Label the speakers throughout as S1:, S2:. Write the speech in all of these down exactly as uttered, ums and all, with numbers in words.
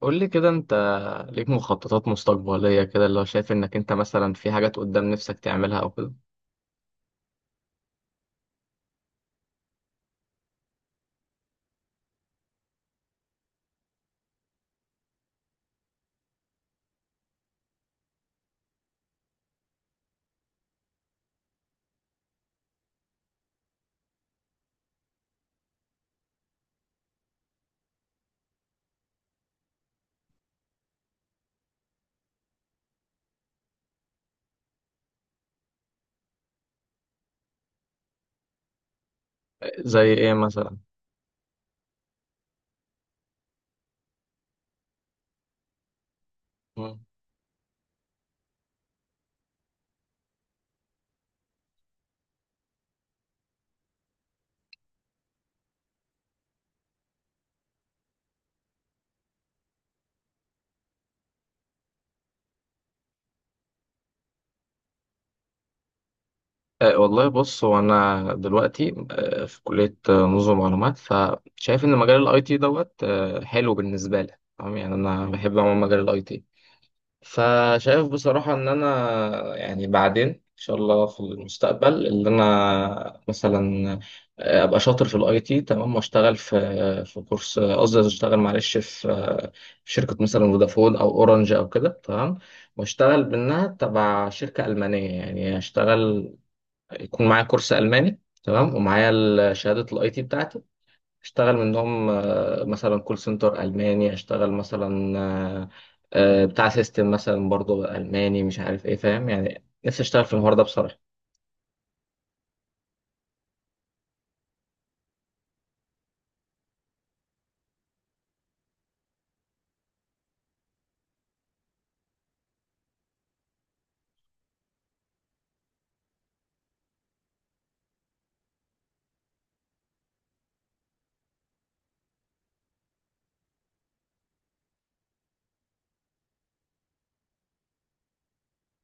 S1: قول لي كده انت ليك مخططات مستقبلية كده، اللي هو شايف انك انت مثلا في حاجات قدام نفسك تعملها او كده. زي ايه مثلا؟ مم. أه والله بص، هو انا دلوقتي أه في كلية، آه، نظم معلومات. فشايف ان مجال الاي تي دوت أه حلو بالنسبة لي، تمام؟ يعني انا بحب عموما مجال الاي تي. فشايف بصراحة إن أنا يعني بعدين إن شاء الله في المستقبل إن أنا مثلا آه، أبقى شاطر في الأي تي تمام، وأشتغل في في كورس، قصدي أشتغل معلش في في شركة مثلا فودافون أو أورنج أو كده، تمام. وأشتغل منها تبع شركة ألمانية، يعني أشتغل يكون معايا كورس ألماني تمام، ومعايا ال- شهادة الأي تي بتاعتي. اشتغل منهم، آه، مثلا كول سنتر ألماني، اشتغل مثلا آه، آه، بتاع سيستم مثلا برضه ألماني، مش عارف ايه، فاهم؟ يعني نفسي اشتغل في النهارده بصراحة.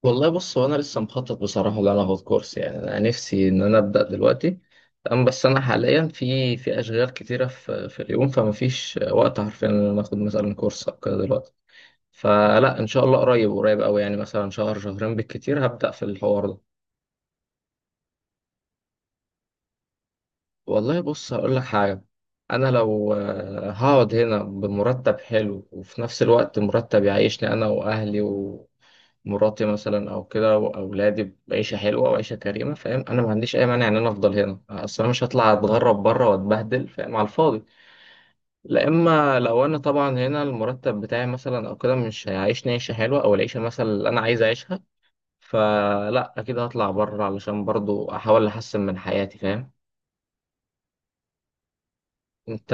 S1: والله بص، هو انا لسه مخطط بصراحة ان انا اخد كورس. يعني انا نفسي ان انا ابدأ دلوقتي تمام، بس انا حاليا في في اشغال كتيرة في في اليوم، فما فيش وقت حرفيا ان انا اخد مثلا كورس او كده دلوقتي. فلا، ان شاء الله قريب، قريب قوي، يعني مثلا شهر شهرين بالكتير هبدأ في الحوار ده. والله بص هقول لك حاجة، أنا لو آه، هقعد هنا بمرتب حلو، وفي نفس الوقت مرتب يعيشني أنا وأهلي ومراتي مثلا أو كده وأولادي، بعيشة حلوة وعيشة كريمة، فاهم؟ أنا ما عنديش أي مانع إن أنا أفضل هنا. أصل أنا مش هطلع أتغرب بره وأتبهدل، فاهم، على الفاضي. لا، إما لو أنا طبعا هنا المرتب بتاعي مثلا أو كده مش هيعيشني عيشة حلوة، أو العيشة مثلا اللي أنا عايز أعيشها، فلا أكيد هطلع بره، علشان برضو أحاول أحسن من حياتي، فاهم؟ انت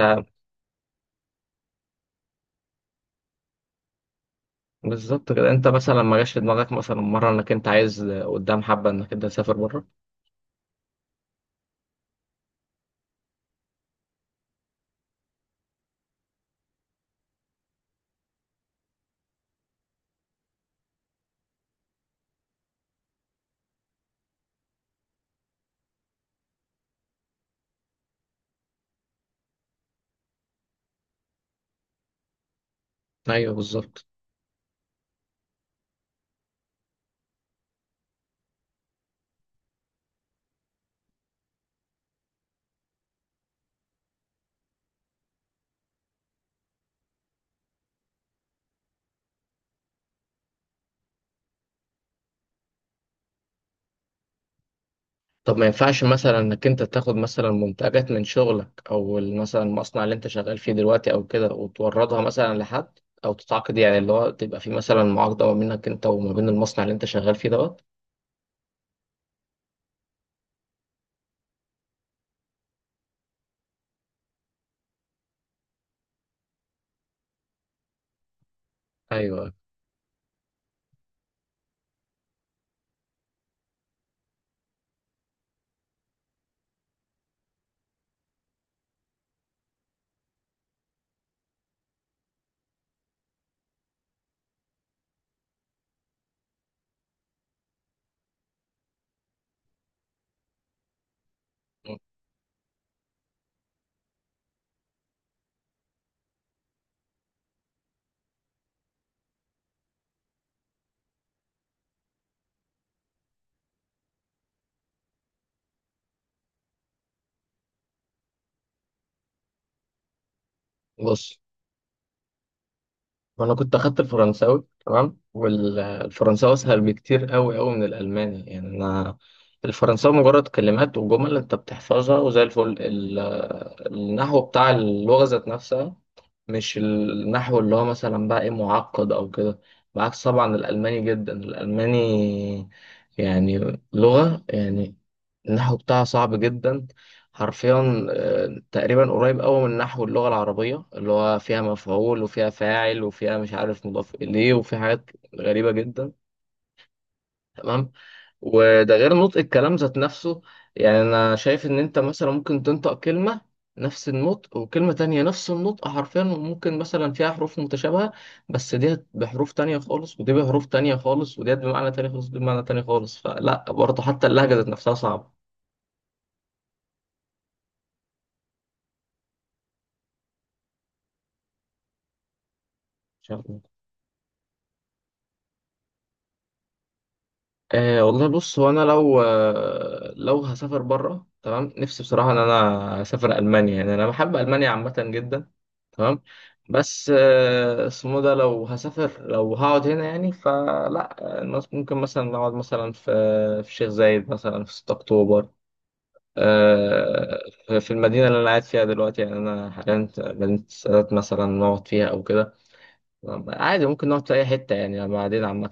S1: بالظبط كده، انت مثلا ما جاش في دماغك مثلا مره انك انت عايز قدام حبه انك انت تسافر بره؟ ايوه بالظبط. طب ما ينفعش مثلا انك انت تاخد مثلا منتجات من شغلك او ال- مثلا المصنع اللي انت شغال فيه دلوقتي او كده، وتوردها مثلا لحد، او تتعاقد يعني، اللي هو تبقى في مثلا معاقده ما بينك انت وما بين المصنع اللي انت شغال فيه دوت؟ ايوه. بص، وانا كنت اخدت الفرنساوي تمام، والفرنساوي اسهل بكتير قوي قوي من الالماني، يعني انا الفرنساوي مجرد كلمات وجمل انت بتحفظها وزي الفل. ال- النحو بتاع اللغه ذات نفسها، مش النحو اللي هو مثلا بقى ايه، معقد او كده. بعكس طبعا الالماني، جدا الالماني يعني لغه يعني النحو بتاعها صعب جدا، حرفيا آه، تقريبا قريب قوي من نحو اللغة العربية، اللي هو فيها مفعول وفيها فاعل وفيها مش عارف مضاف إليه، وفي حاجات غريبة جدا، تمام؟ وده غير نطق الكلام ذات نفسه. يعني أنا شايف إن أنت مثلا ممكن تنطق كلمة نفس النطق، وكلمة تانية نفس النطق حرفيا، وممكن مثلا فيها حروف متشابهة، بس دي بحروف تانية خالص ودي بحروف تانية خالص، ودي بمعنى تاني خالص ودي بمعنى تاني خالص. فلا، برضه حتى اللهجة ذات نفسها صعبة. أه والله بص، هو انا لو آه، لو هسافر بره تمام، نفسي بصراحه ان انا اسافر المانيا، يعني انا بحب المانيا عامه جدا، تمام؟ بس آه، اسمه ده لو هسافر، لو هقعد هنا يعني، فلا آه، الناس ممكن مثلا نقعد مثلا في في شيخ زايد، مثلا في ستة اكتوبر، آه، في في المدينه اللي انا قاعد فيها دلوقتي، يعني انا حاليا في مدينه السادات مثلا، نقعد فيها او كده. عادي، ممكن نقعد في اي حته يعني بعدين، عامه.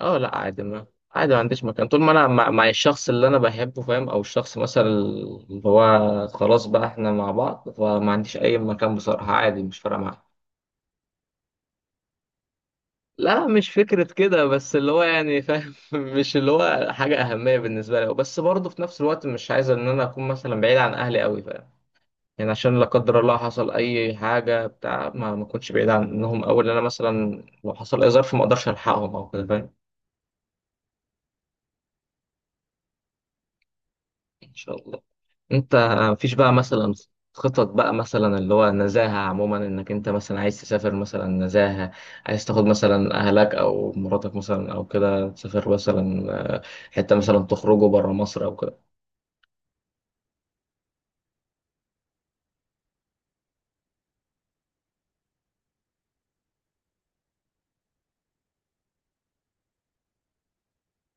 S1: اه لا عادي، ما عادي ما عنديش مكان، طول ما انا مع, مع الشخص اللي انا بحبه، فاهم، او الشخص مثلا اللي هو خلاص بقى احنا مع بعض، فما عنديش اي مكان، بصراحة عادي، مش فارقة معايا. لا مش فكرة كده، بس اللي هو يعني، فاهم؟ مش اللي هو حاجة أهمية بالنسبة لي، بس برضه في نفس الوقت مش عايز إن أنا أكون مثلا بعيد عن أهلي أوي، فاهم؟ يعني عشان لا قدر الله حصل أي حاجة، بتاع ما ما أكونش بعيد عنهم أوي، لأن أنا مثلا لو حصل أي ظرف ما أقدرش ألحقهم أو كده، فاهم؟ ان شاء الله. انت مفيش بقى مثلا خطط بقى مثلا اللي هو نزاهة عموما، انك انت مثلا عايز تسافر مثلا نزاهة، عايز تاخد مثلا اهلك او مراتك مثلا او كده تسافر مثلا، آه، حتة مثلا تخرجوا بره مصر او كده؟ ان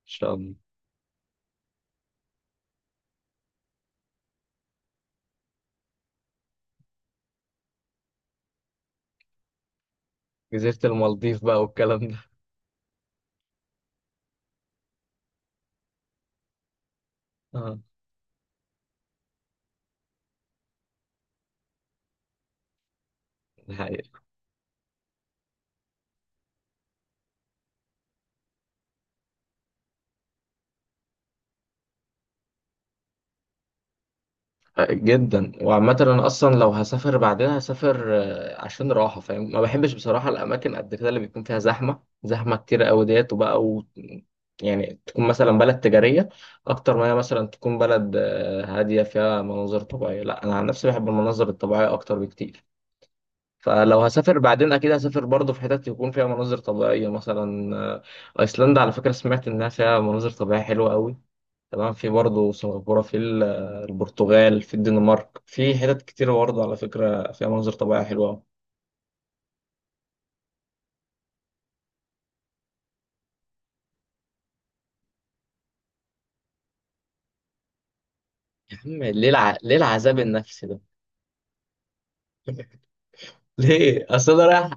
S1: شاء الله. جزيرة المالديف بقى والكلام ده؟ اه ده حقيقي جدا. وعامة انا اصلا لو هسافر، بعدها هسافر آه، عشان راحة، فاهم؟ ما بحبش بصراحة الاماكن قد كده اللي بيكون فيها زحمة، زحمة كتير قوي ديت وبقى و... يعني تكون مثلا بلد تجارية اكتر ما هي مثلا تكون بلد آه، هادية فيها مناظر طبيعية. لا انا عن نفسي بحب المناظر الطبيعية اكتر بكتير، فلو هسافر بعدين اكيد هسافر برضه في حتت يكون فيها مناظر طبيعية مثلا آه، ايسلندا. على فكرة، سمعت انها فيها مناظر طبيعية حلوة قوي، تمام؟ في برضه سنغافورة، في ال- البرتغال، في الدنمارك، في حتت كتير برضه على فكرة فيها مناظر طبيعية حلوة أوي. يا عم ليه الع... ليه العذاب النفسي ده؟ ليه؟ اصل انا رايح،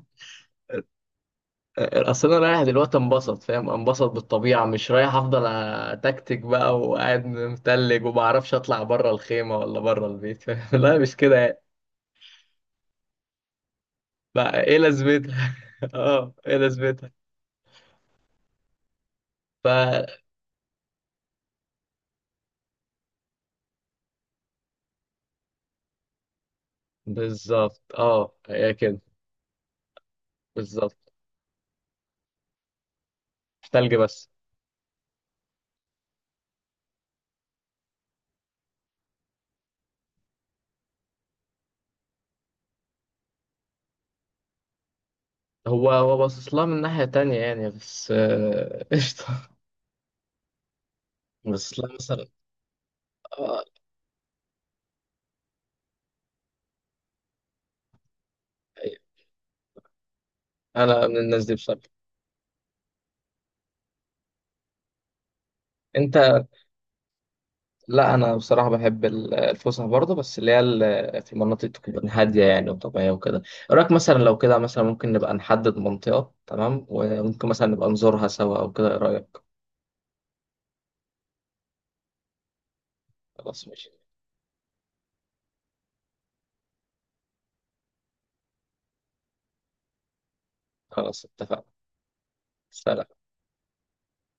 S1: اصل انا رايح دلوقتي انبسط، فاهم، انبسط بالطبيعة. مش رايح افضل اتكتك بقى وقاعد متلج، وما اعرفش اطلع بره الخيمة ولا بره البيت، فاهم؟ لا مش كده يعني. بقى ايه لازمتها؟ اه ايه لازمتها؟ ف بالظبط، اه هي كده. بالظبط، تلج بس؟ هو هو باصص لها من ناحية تانية يعني، بس آه، قشطة، باصص لها مثلا. آه، أنا من الناس دي بصراحة. أنت؟ لا أنا بصراحة بحب ال- الفسح برضه، بس اللي هي ال- في مناطق تكون هادية يعني وطبيعية وكده. إيه رأيك مثلا لو كده مثلا ممكن نبقى نحدد منطقة تمام، وممكن مثلا نبقى نزورها سوا أو كده، إيه رأيك؟ خلاص ماشي. خلاص اتفقنا. سلام.